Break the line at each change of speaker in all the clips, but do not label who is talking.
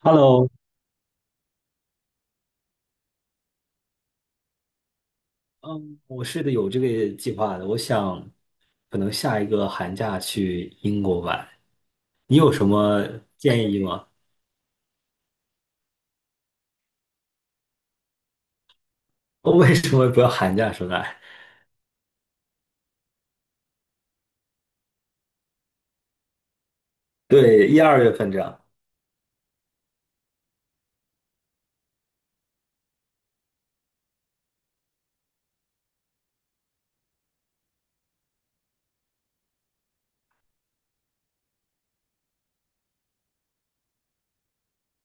Hello，嗯，我是的，有这个计划的。我想可能下一个寒假去英国玩，你有什么建议吗？我为什么不要寒假出来？对，一二月份这样。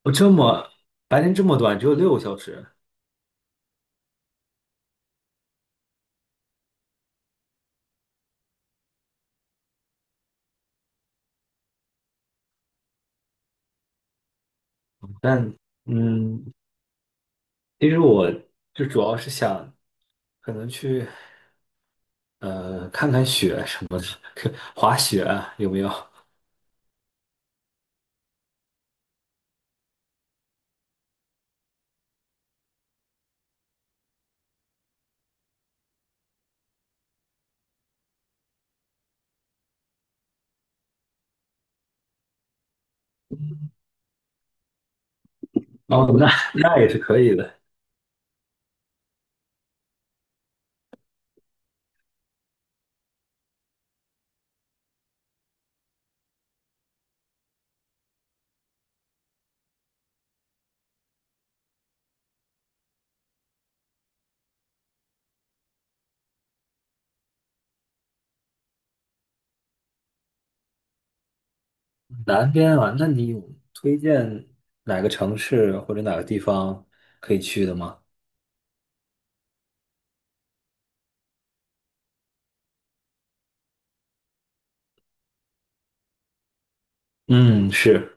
我这么白天这么短，只有6个小时。但嗯，其实我就主要是想可能去看看雪什么的，滑雪啊有没有？哦，那 那也是可以的。南边啊，那你有推荐哪个城市或者哪个地方可以去的吗？嗯，是。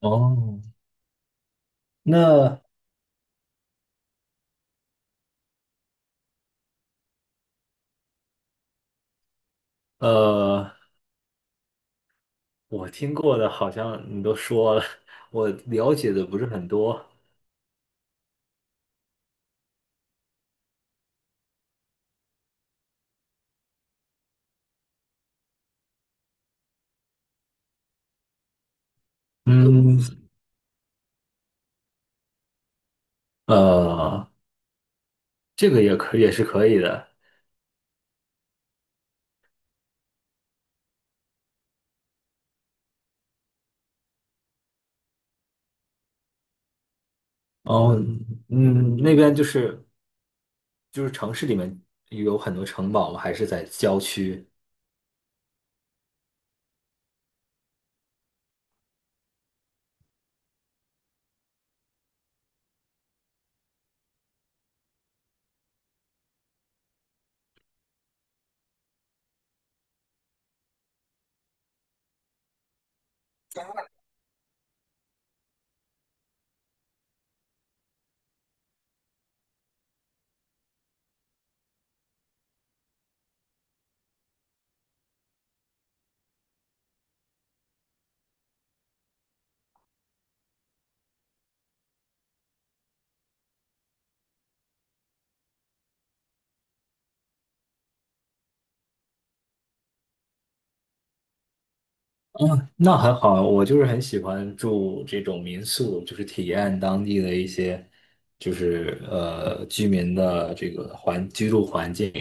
哦，那呃，我听过的好像你都说了，我了解的不是很多。嗯，呃，这个也是可以的。哦，嗯，那边就是城市里面有很多城堡吗？还是在郊区？那很好啊，我就是很喜欢住这种民宿，就是体验当地的一些，就是居民的这个居住环境。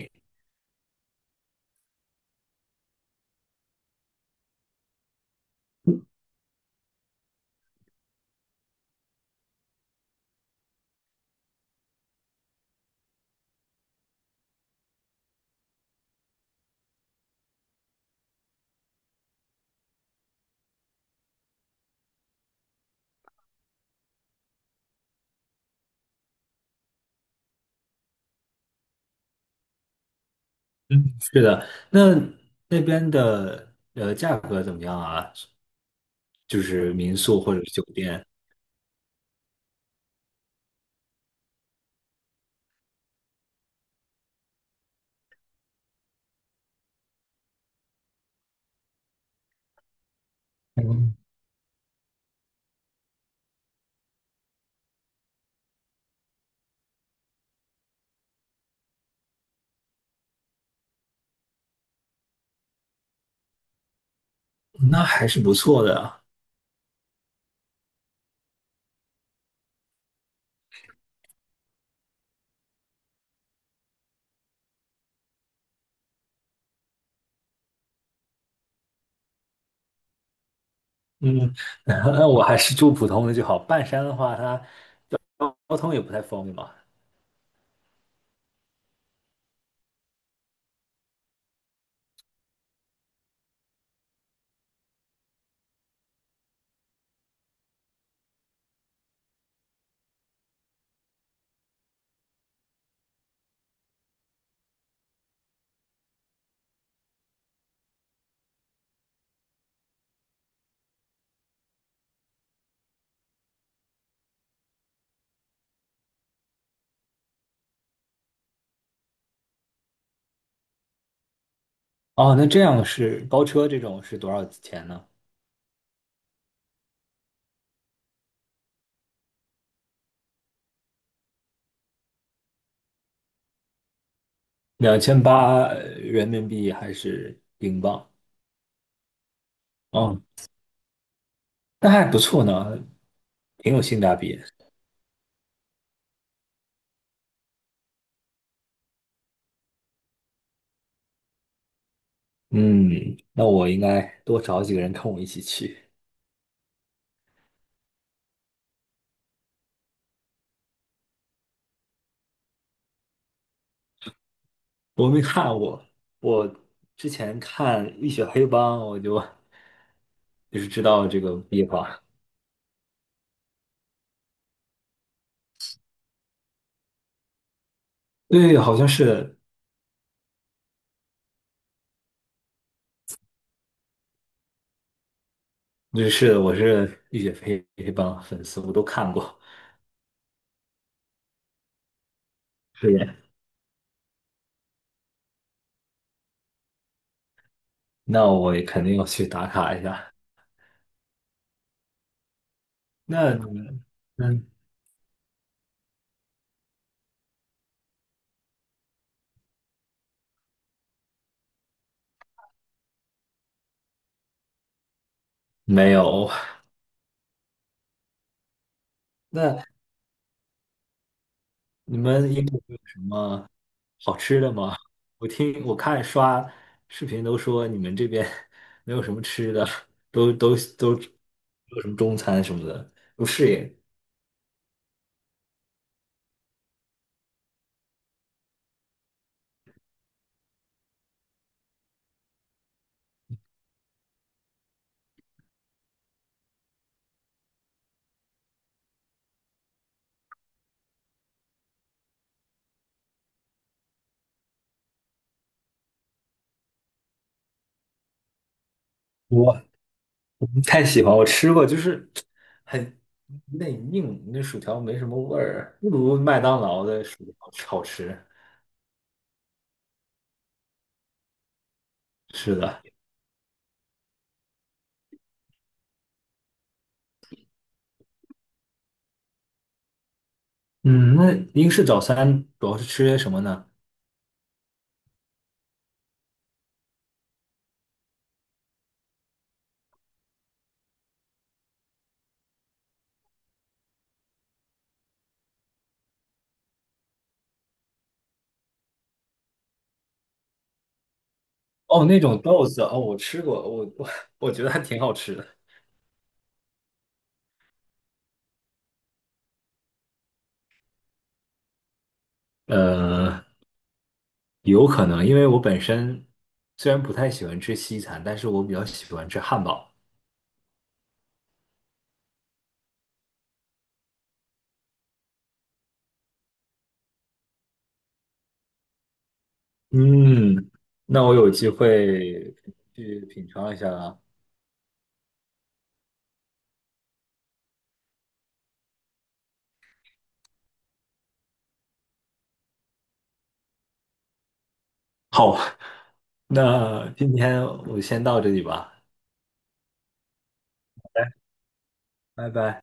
那那边的价格怎么样啊？就是民宿或者是酒店，嗯，那还是不错的啊。嗯，那我还是住普通的就好。半山的话，它交通也不太方便嘛。哦，那这样是包车这种是多少钱呢？2800人民币还是英镑？哦，那还不错呢，挺有性价比。嗯，那我应该多找几个人跟我一起去。我没看过，我之前看《浴血黑帮》，我就就是知道这个地方。对，好像是，就是，我是《浴血黑黑帮》粉丝，我都看过。是的，那我也肯定要去打卡一下。那你，嗯，没有。那你们英国有什么好吃的吗？我看刷视频都说你们这边 没有什么吃的，都没有什么中餐什么的，不适应。我我不太喜欢，我吃过，就是很内硬，那薯条没什么味儿，不如麦当劳的薯条好吃。是的，嗯，那英式早餐主要是吃些什么呢？哦，那种豆子哦，我吃过，我觉得还挺好吃的。呃，有可能，因为我本身虽然不太喜欢吃西餐，但是我比较喜欢吃汉堡。嗯，那我有机会去品尝一下了。好，那今天我先到这里吧，拜拜。